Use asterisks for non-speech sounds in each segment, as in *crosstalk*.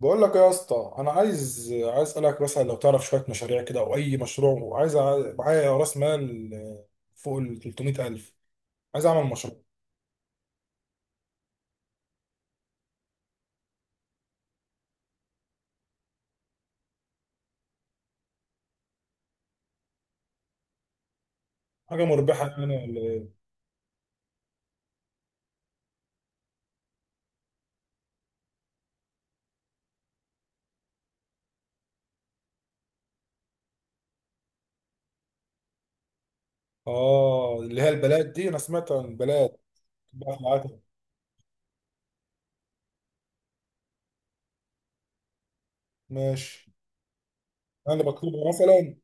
بقول لك ايه يا اسطى، انا عايز اسالك مثلا لو تعرف شويه مشاريع كده او اي مشروع، وعايز معايا راس مال فوق ال 300000. عايز اعمل مشروع. حاجه مربحه يعني ولا ايه؟ اه، اللي هي البلاد دي، انا سمعت عن البلاد. بقى العتبة. ماشي. انا اللي بطلبها مثلا؟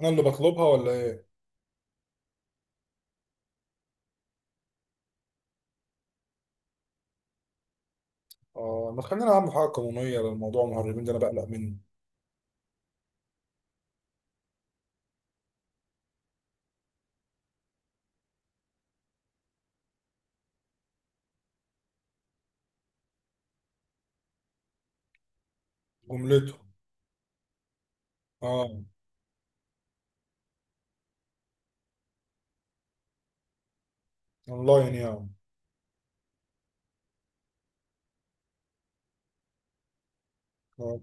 انا اللي بطلبها ولا ايه؟ اه، ما تخلينا اعمل حاجه قانونيه للموضوع. المهربين ده انا بقلق منه. جملته؟ اه. اونلاين يعني؟ آه.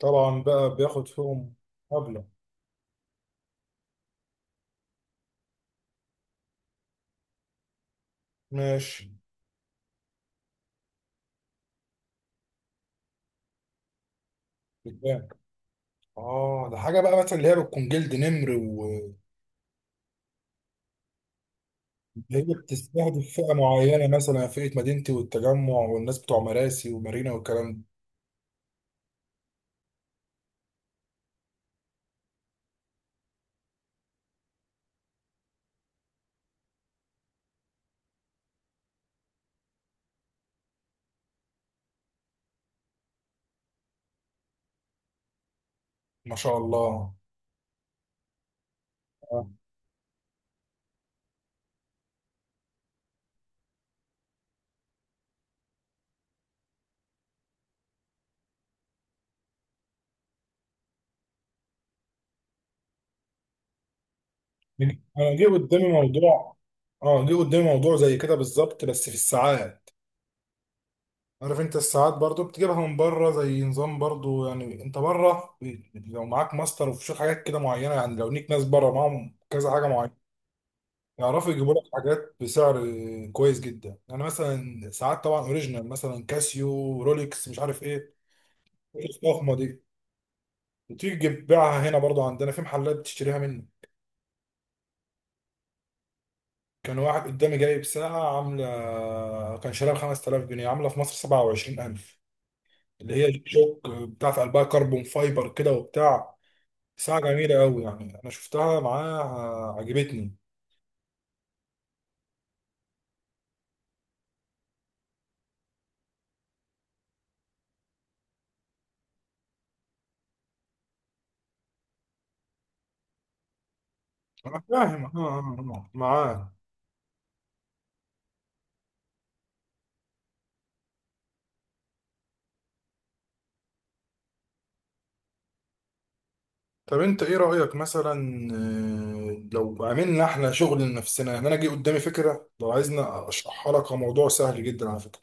طبعا بقى بياخد فيهم مبلغ. ماشي. اه، ده حاجه بقى مثلا اللي هي بتكون جلد نمر، وهي بتستهدف فئه معينه، مثلا فئه مدينتي والتجمع والناس بتوع مراسي ومارينا والكلام ده. ما شاء الله. آه. انا جه قدامي موضوع، اه جه قدامي موضوع زي كده بالظبط بس في الساعات. عارف انت الساعات برضو بتجيبها من بره زي نظام، برضو يعني انت بره لو معاك ماستر وفي شوية حاجات كده معينه، يعني لو ليك ناس بره معاهم كذا حاجه معينه يعرفوا يجيبوا لك حاجات بسعر كويس جدا، يعني مثلا ساعات طبعا اوريجينال، مثلا كاسيو، رولكس، مش عارف ايه، الفخمه دي، وتيجي تبيعها هنا. برضو عندنا في محلات بتشتريها منه. كان واحد قدامي جايب ساعة عاملة، كان شاريها ب 5000 جنيه، عاملة في مصر 27000، اللي هي جي شوك بتاعت قلبها كربون فايبر كده وبتاع. ساعة جميلة قوي يعني، أنا شفتها معاها، عجبتني. أنا فاهم معاك. طب انت ايه رأيك مثلا لو عملنا احنا شغل لنفسنا؟ يعني انا جه قدامي فكرة، لو عايزنا اشرحها لك، كموضوع سهل جدا على فكرة.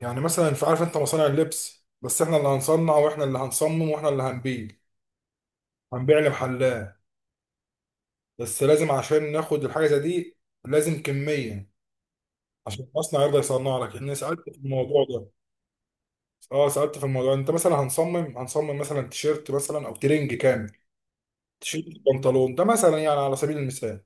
يعني مثلا في، عارف انت مصانع اللبس، بس احنا اللي هنصنع واحنا اللي هنصمم واحنا اللي هنبيع. هنبيع لمحلات. بس لازم عشان ناخد الحاجة زي دي لازم كمية، عشان المصنع يرضى يصنع لك. لان سألت في الموضوع ده، اه سألت في الموضوع. انت مثلا هنصمم، هنصمم مثلا تيشيرت مثلا او ترنج كامل، تيشيرت، بنطلون، ده مثلا يعني على سبيل المثال.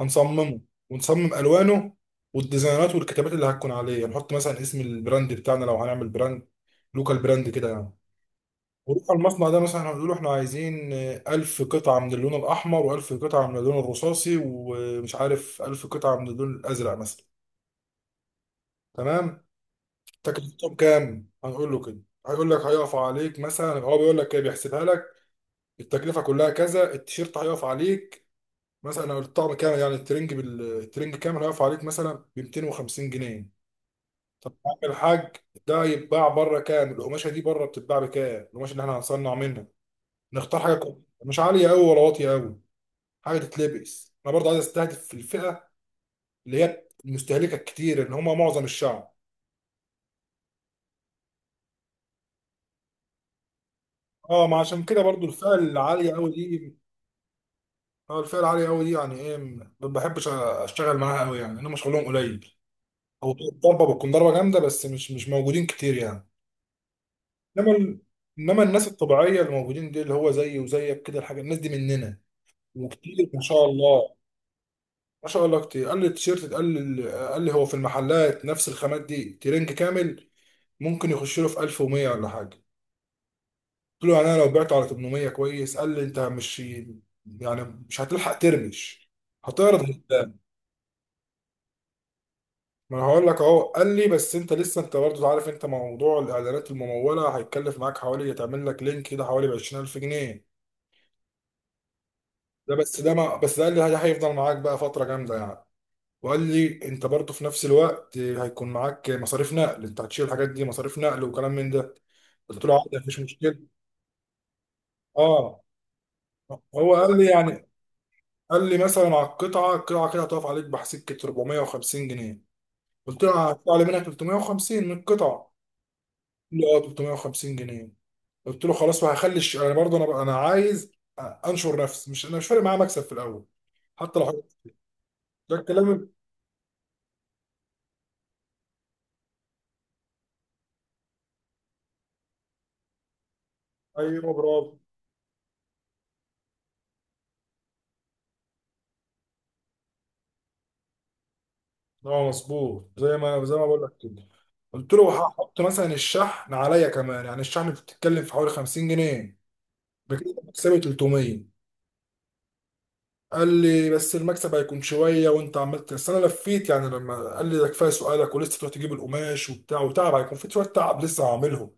هنصممه ونصمم الوانه والديزاينات والكتابات اللي هتكون عليه. هنحط مثلا اسم البراند بتاعنا لو هنعمل براند، لوكال براند كده يعني. ونروح المصنع ده مثلا، هنقول له احنا عايزين ألف قطعة من اللون الأحمر و1000 قطعة من اللون الرصاصي، ومش عارف ألف قطعة من اللون الأزرق مثلا. تمام. تكلفتهم كام؟ هنقول له كده. هيقول لك هيقف عليك مثلا، هو بيقول لك كده، بيحسبها لك. التكلفة كلها كذا. التيشيرت هيقف عليك مثلا، أو الطقم كام، يعني الترنج الترنج كام هيقف عليك، مثلا ب 250 جنيه. طب يا عم الحاج، ده يتباع بره كام؟ القماشه دي بره بتتباع بكام؟ القماشه اللي احنا هنصنع منها نختار حاجه كويسة، مش عاليه قوي ولا واطيه قوي. حاجه تتلبس، انا برضه عايز استهدف في الفئه اللي هي المستهلكه الكتير، اللي هم معظم الشعب. اه، ما عشان كده برضه الفئه العاليه قوي دي، اه الفئه العاليه قوي دي يعني ايه، ما بحبش اشتغل معاها قوي، يعني هم شغلهم قليل، او ضربه بتكون ضربه جامده، بس مش موجودين كتير يعني. انما ال- انما الناس الطبيعيه اللي موجودين دي، اللي هو زيي وزيك كده، الحاجه الناس دي مننا وكتير ما شاء الله. ما شاء الله كتير. قال لي التيشيرت، قال لي هو في المحلات نفس الخامات دي ترنج كامل ممكن يخش له في 1100 ولا حاجه. قلت له يعني انا لو بعته على 800 كويس؟ قال لي انت مش يعني، مش هتلحق ترمش، هتعرض قدام. ما انا هقول لك اهو. قال لي بس انت لسه، انت برضه عارف انت موضوع الاعلانات المموله، هيتكلف معاك حوالي، تعمل لك لينك كده حوالي ب 20000 جنيه. ده بس، ده ما بس ده قال لي ده هيفضل معاك بقى فتره جامده يعني. وقال لي انت برضه في نفس الوقت هيكون معاك مصاريف نقل، انت هتشيل الحاجات دي مصاريف نقل وكلام من ده. قلت له عادي مفيش مشكله. اه، هو قال لي يعني، قال لي مثلا على القطعه، القطعه كده هتقف عليك بحسكه 450 جنيه. قلت له هتطلع لي منها 350 من القطعه؟ قال لي اه 350 جنيه. قلت له خلاص. انا برضه، انا عايز انشر نفسي، مش، انا مش فارق معايا مكسب في الاول، حتى لو. ده الكلام. ايوه برافو. اه مظبوط زي ما، زي ما بقول لك كده. قلت له هحط مثلا الشحن عليا كمان، يعني الشحن بتتكلم في حوالي 50 جنيه، بكده مكسبي 300. قال لي بس المكسب هيكون شويه، وانت عملت، بس انا لفيت يعني لما قال لي ده كفايه سؤالك، ولسه تروح تجيب القماش وبتاع، وتعب هيكون في شويه تعب لسه هعملهم.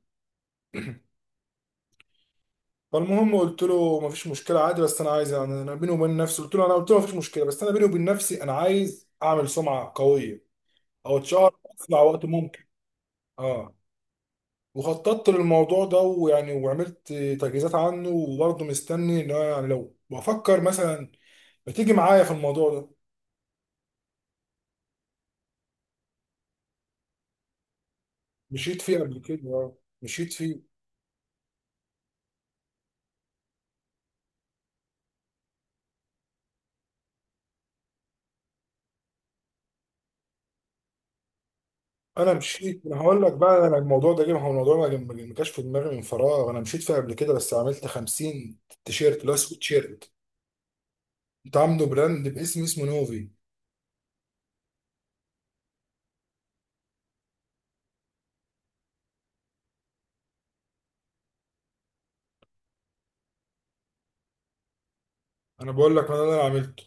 فالمهم قلت له مفيش مشكله عادي، بس انا عايز، يعني انا بيني وبين نفسي، قلت له انا، قلت له مفيش مشكله، بس انا بيني وبين نفسي انا عايز اعمل سمعه قويه، او اتشهر في اسرع وقت ممكن. اه، وخططت للموضوع ده، ويعني وعملت تجهيزات عنه، وبرضه مستني ان انا يعني لو بفكر مثلا ما تيجي معايا في الموضوع ده. مشيت فيه قبل كده مشيت فيه. انا مشيت، انا هقول لك بقى، انا الموضوع ده جه، ما هو الموضوع ما جاش في دماغي من فراغ، انا مشيت فيه قبل كده، بس عملت 50 تيشيرت اللي هو سويت شيرت. كنت عامله براند باسم، اسمه نوفي. انا بقول لك انا اللي انا عملته،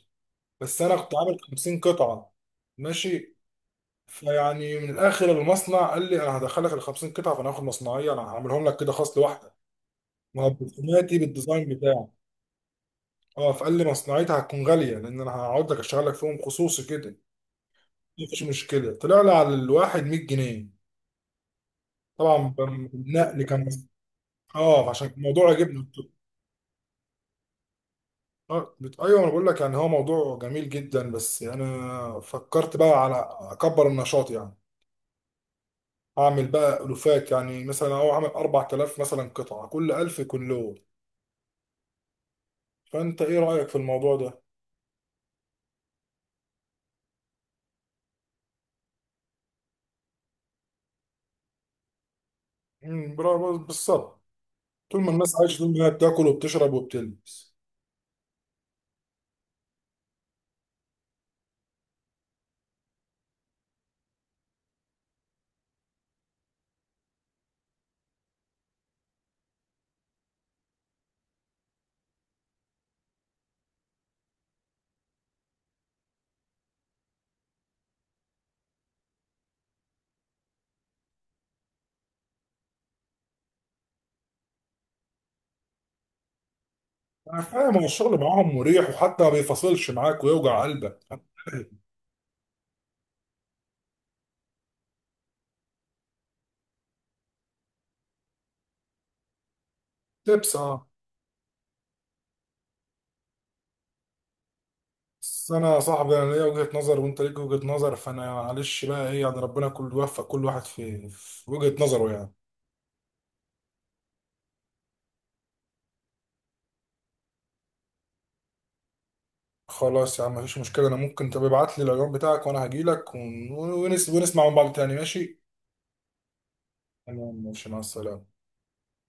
بس انا كنت عامل 50 قطعه. ماشي. فيعني من الاخر، المصنع قال لي انا هدخلك ال 50 قطعه، فانا هاخد مصنعيه، انا هعملهم لك كده خاص لوحدك، ما هو برسوماتي بالديزاين بتاعه. اه، فقال لي مصنعيتها هتكون غاليه، لان انا هقعد لك اشتغل لك فيهم خصوصي كده. مفيش مشكله. طلع لي على الواحد 100 جنيه طبعا بالنقل كان. اه عشان الموضوع عجبني. ايوه انا بقول لك، يعني هو موضوع جميل جدا، بس انا فكرت بقى على اكبر النشاط يعني. اعمل بقى الوفات، يعني مثلا اهو عامل 4000 مثلا قطعه، كل 1000 كله. فانت ايه رايك في الموضوع ده؟ برافو، بالظبط. طول ما الناس عايشه، طول ما هي بتاكل وبتشرب وبتلبس. انا فاهم، هو الشغل معاهم مريح، وحتى ما بيفصلش معاك ويوجع قلبك. *clears throat* تبس، اه. بس انا يا صاحبي انا ليا وجهه نظر، وانت ليك وجهه نظر، فانا معلش بقى ايه، يعني ربنا كل يوفق كل واحد في، في وجهه نظره يعني. خلاص يا عم، مفيش مشكله. انا ممكن تبقى ابعت لي العنوان بتاعك، وانا هجيلك ونسمع من بعض تاني. ماشي؟ تمام، ماشي. مع السلامه.